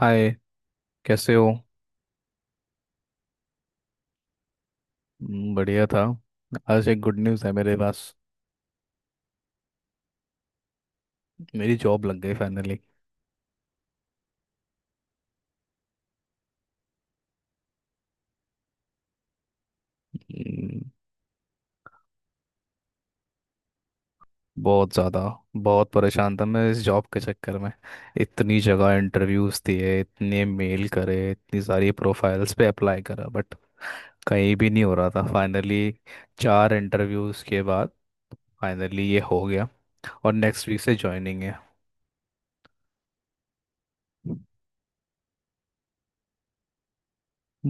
हाय। कैसे हो? बढ़िया था। आज एक गुड न्यूज़ है मेरे पास। मेरी जॉब लग गई फाइनली। हम्म, बहुत ज़्यादा। बहुत परेशान था मैं इस जॉब के चक्कर में। इतनी जगह इंटरव्यूज़ दिए, इतने मेल करे, इतनी सारी प्रोफाइल्स पे अप्लाई करा, बट कहीं भी नहीं हो रहा था। फाइनली चार इंटरव्यूज़ के बाद फाइनली ये हो गया। और नेक्स्ट वीक से ज्वाइनिंग है।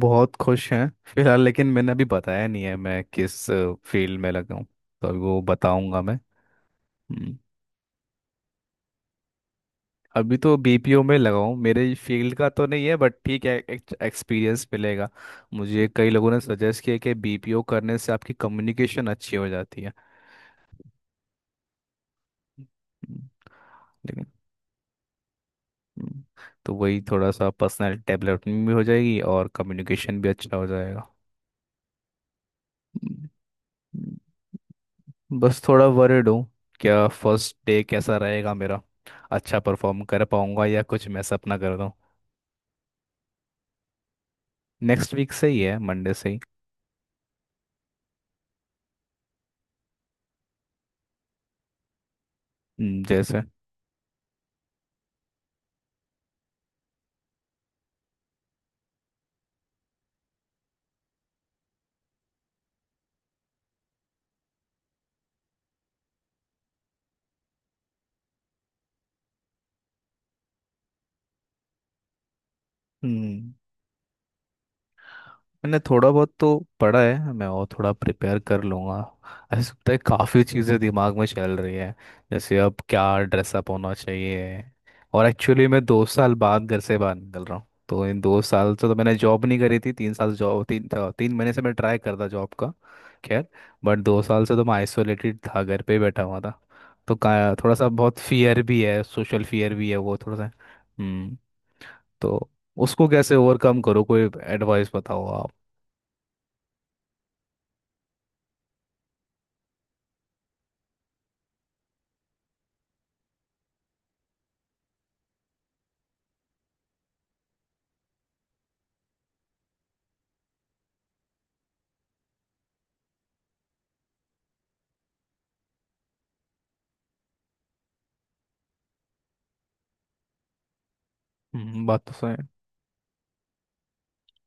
बहुत खुश हैं फिलहाल। लेकिन मैंने अभी बताया नहीं है मैं किस फील्ड में लगा हूँ। तो अभी वो बताऊंगा मैं। हम्म। अभी तो बीपीओ में लगा हूँ। मेरे फील्ड का तो नहीं है, बट ठीक है। एक्सपीरियंस मिलेगा। मुझे कई लोगों ने सजेस्ट किया कि बीपीओ करने से आपकी कम्युनिकेशन अच्छी हो जाती है। हम्म। लेकिन हम्म, तो वही थोड़ा सा पर्सनल डेवलपमेंट भी हो जाएगी और कम्युनिकेशन भी अच्छा हो जाएगा। हम्म। बस थोड़ा वरिड हूँ। क्या फर्स्ट डे कैसा रहेगा मेरा? अच्छा परफॉर्म कर पाऊंगा, या कुछ मैं सपना कर दूँ? नेक्स्ट वीक से ही है, मंडे से ही। जैसे हम्म। मैंने थोड़ा बहुत तो पढ़ा है। मैं और थोड़ा प्रिपेयर कर लूँगा। ऐसा लगता है काफ़ी चीज़ें दिमाग में चल रही है, जैसे अब क्या ड्रेसअप होना चाहिए। और एक्चुअली मैं 2 साल बाद घर से बाहर निकल रहा हूँ, तो इन 2 साल से तो मैंने जॉब नहीं करी थी। तीन साल जॉब तीन तीन महीने से मैं ट्राई करता जॉब का। खैर। बट 2 साल से तो मैं आइसोलेटेड था, घर पे ही बैठा हुआ था। तो का थोड़ा सा बहुत फियर भी है, सोशल फियर भी है वो थोड़ा सा। हम्म। तो उसको कैसे ओवरकम करो? कोई एडवाइस बताओ। बात तो सही है।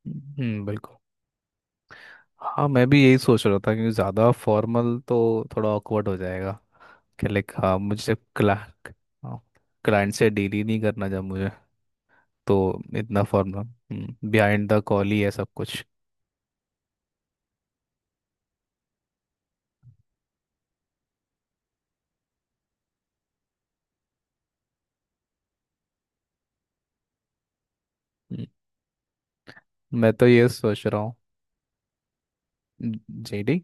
हम्म, बिल्कुल। हाँ, मैं भी यही सोच रहा था क्योंकि ज़्यादा फॉर्मल तो थोड़ा ऑकवर्ड हो जाएगा। कि लाइक हाँ, मुझे क्ला हाँ, क्लाइंट से डील ही नहीं करना जब मुझे, तो इतना फॉर्मल। बिहाइंड द कॉल ही है सब कुछ। हम्म, मैं तो ये सोच रहा हूँ। जेडी?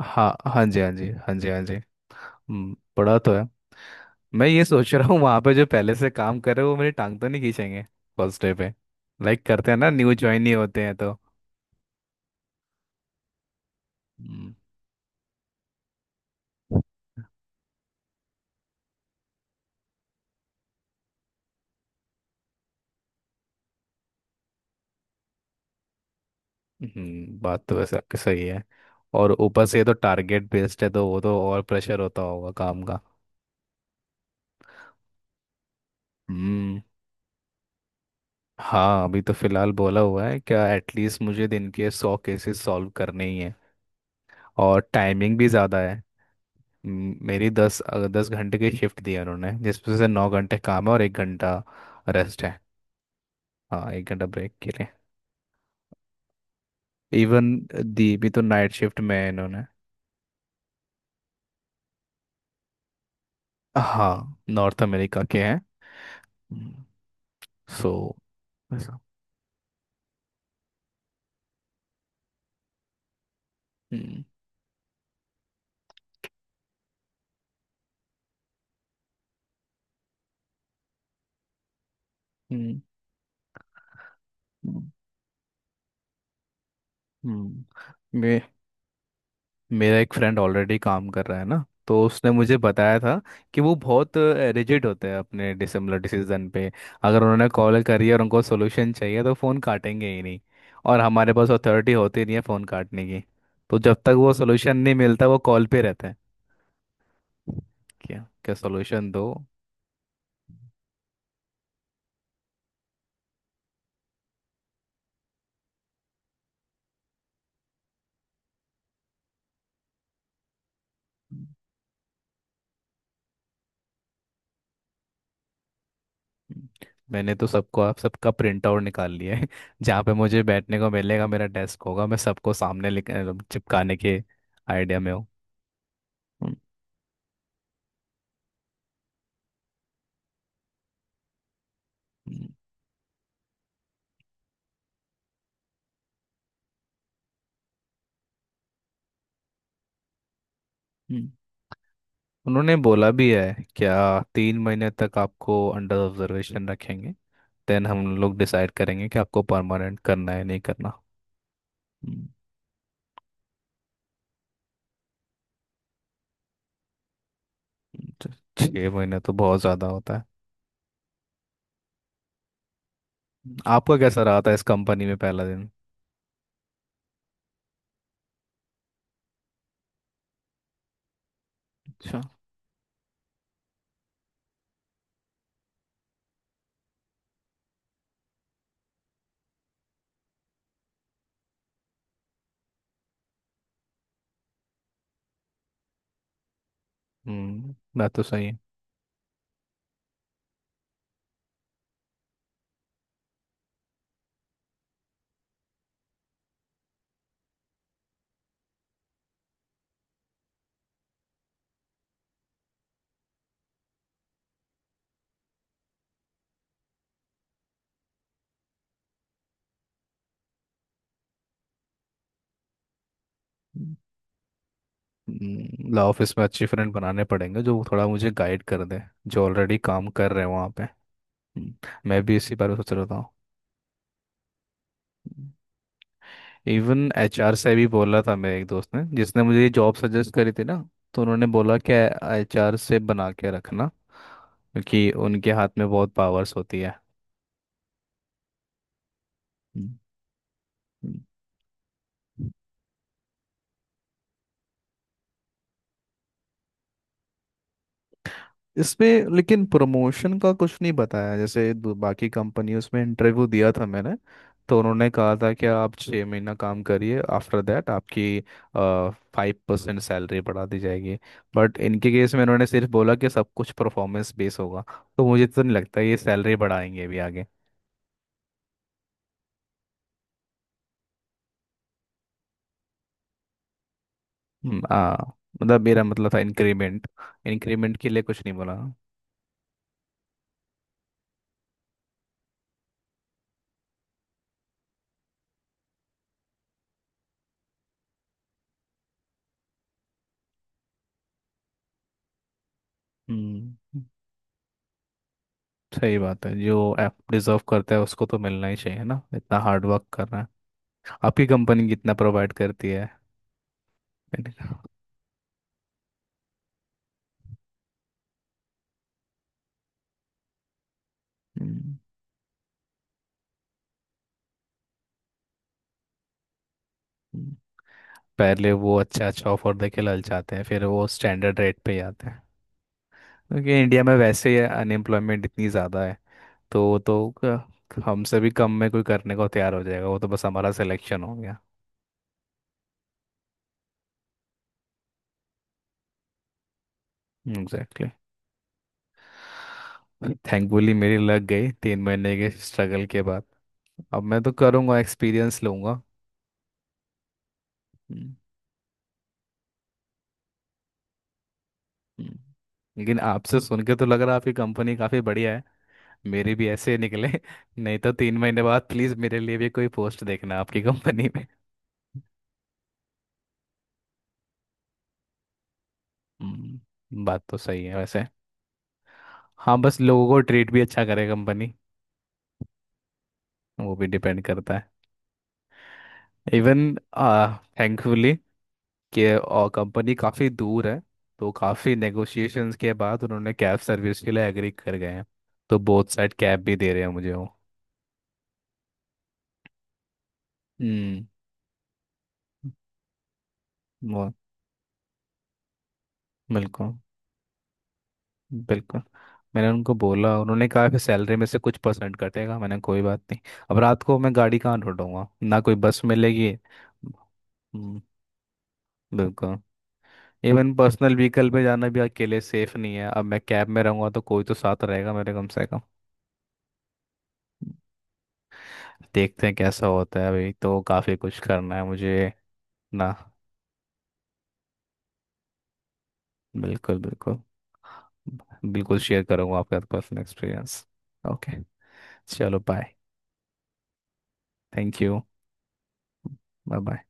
हाँ हाँ, जी हाँ, जी हाँ, जी हाँ, जी। पढ़ा तो है। मैं ये सोच रहा हूँ वहाँ पे जो पहले से काम कर रहे हैं, वो मेरी टांग तो नहीं खींचेंगे फर्स्ट डे पे? लाइक करते हैं ना, न्यू ज्वाइन ही होते हैं तो। हम्म, हम्म। बात तो वैसे आपकी सही है। और ऊपर से ये तो टारगेट बेस्ड है, तो वो तो और प्रेशर होता होगा काम का। हम्म। हाँ, अभी तो फिलहाल बोला हुआ है क्या, एटलीस्ट मुझे दिन के 100 केसेस सॉल्व करने ही हैं। और टाइमिंग भी ज़्यादा है। मेरी दस घंटे की शिफ्ट दी है उन्होंने, जिसमें से 9 घंटे काम है और 1 घंटा रेस्ट है। हाँ, 1 घंटा ब्रेक के लिए। इवन दी भी तो नाइट शिफ्ट में है इन्होंने। हाँ, नॉर्थ अमेरिका के हैं। हम्म, सो ऐसा। हम्म, हम्म, हम्म। मे, मेरा एक फ्रेंड ऑलरेडी काम कर रहा है ना, तो उसने मुझे बताया था कि वो बहुत रिजिड होते हैं अपने डिसिमिलर डिसीजन पे। अगर उन्होंने कॉल करी और उनको सोल्यूशन चाहिए तो फ़ोन काटेंगे ही नहीं। और हमारे पास अथॉरिटी होती नहीं है फ़ोन काटने की। तो जब तक वो सोल्यूशन नहीं मिलता वो कॉल पे रहता है। क्या क्या सोल्यूशन दो। हम्म, मैंने तो सबको, आप सबका प्रिंट आउट निकाल लिया है। जहाँ पे मुझे बैठने को मिलेगा, मेरा डेस्क होगा, मैं सबको सामने लिख मतलब चिपकाने के आइडिया में हूँ। हम्म, हम्म, हम्म। उन्होंने बोला भी है, क्या 3 महीने तक आपको अंडर ऑब्जर्वेशन रखेंगे, देन हम लोग डिसाइड करेंगे कि आपको परमानेंट करना है नहीं करना। हम्म, हम्म। तो 6 महीने तो बहुत ज़्यादा होता है। आपका कैसा रहा था इस कंपनी में पहला दिन? अच्छा। मैं तो सही है। ला ऑफिस में अच्छे फ्रेंड बनाने पड़ेंगे जो थोड़ा मुझे गाइड कर दें, जो ऑलरेडी काम कर रहे हैं वहाँ पे। हम्म, मैं भी इसी बारे में सोच रहा था। इवन एचआर से भी बोला था मेरे एक दोस्त ने जिसने मुझे ये जॉब सजेस्ट करी थी ना। तो उन्होंने बोला कि एचआर से बना के रखना क्योंकि उनके हाथ में बहुत पावर्स होती है। हम्म, हम्म। इसमें लेकिन प्रमोशन का कुछ नहीं बताया। जैसे बाकी कंपनियों में इंटरव्यू दिया था मैंने, तो उन्होंने कहा था कि आप 6 महीना काम करिए, आफ्टर दैट आपकी 5% सैलरी बढ़ा दी जाएगी। बट इनके केस में उन्होंने सिर्फ बोला कि सब कुछ परफॉर्मेंस बेस होगा। तो मुझे तो नहीं लगता ये सैलरी बढ़ाएंगे अभी आगे। हम्म, आ, मतलब मेरा मतलब था इंक्रीमेंट। इंक्रीमेंट के लिए कुछ नहीं बोला। हम्म सही बात है। जो ऐप डिजर्व करता है उसको तो मिलना ही चाहिए ना, इतना हार्ड वर्क कर रहा है। आपकी कंपनी कितना प्रोवाइड करती है? मैंने कहा, "हम्म, हम्म।" पहले वो अच्छा अच्छा ऑफर देके ललचाते हैं, फिर वो स्टैंडर्ड रेट पे ही आते हैं। क्योंकि इंडिया में वैसे ही अनएम्प्लॉयमेंट इतनी ज़्यादा है, तो वो तो हमसे भी कम में कोई करने को तैयार हो जाएगा। वो तो बस हमारा सिलेक्शन हो गया। एग्जैक्टली। थैंकफुली मेरी लग गई 3 महीने के स्ट्रगल के बाद। अब मैं तो करूँगा, एक्सपीरियंस लूँगा। हम्म, हम्म। लेकिन आपसे सुन के तो लग रहा है आपकी कंपनी काफ़ी बढ़िया है। मेरे भी ऐसे निकले। नहीं तो 3 महीने बाद प्लीज मेरे लिए भी कोई पोस्ट देखना आपकी कंपनी में। बात तो सही है वैसे। हाँ, बस लोगों को ट्रीट भी अच्छा करे कंपनी। वो भी डिपेंड करता है। इवन थैंकफुली कि कंपनी काफ़ी दूर है, तो काफ़ी नेगोशिएशंस के बाद उन्होंने कैब सर्विस के लिए एग्री कर गए हैं। तो बोथ साइड कैब भी दे रहे हैं मुझे वो। हम्म। वो, बिल्कुल बिल्कुल। मैंने उनको बोला, उन्होंने कहा कि सैलरी में से कुछ परसेंट कटेगा, मैंने कोई बात नहीं। अब रात को मैं गाड़ी कहाँ ढूंढूंगा ना, कोई बस मिलेगी? हम्म, बिल्कुल। इवन पर्सनल व्हीकल पे जाना भी अकेले सेफ नहीं है। अब मैं कैब में रहूंगा तो कोई तो साथ रहेगा मेरे कम से कम। देखते हैं कैसा होता है, अभी तो काफ़ी कुछ करना है मुझे। ना, बिल्कुल बिल्कुल। बिल्कुल शेयर करूंगा आपका पर्सनल एक्सपीरियंस। ओके। चलो bye. Thank you. Bye bye.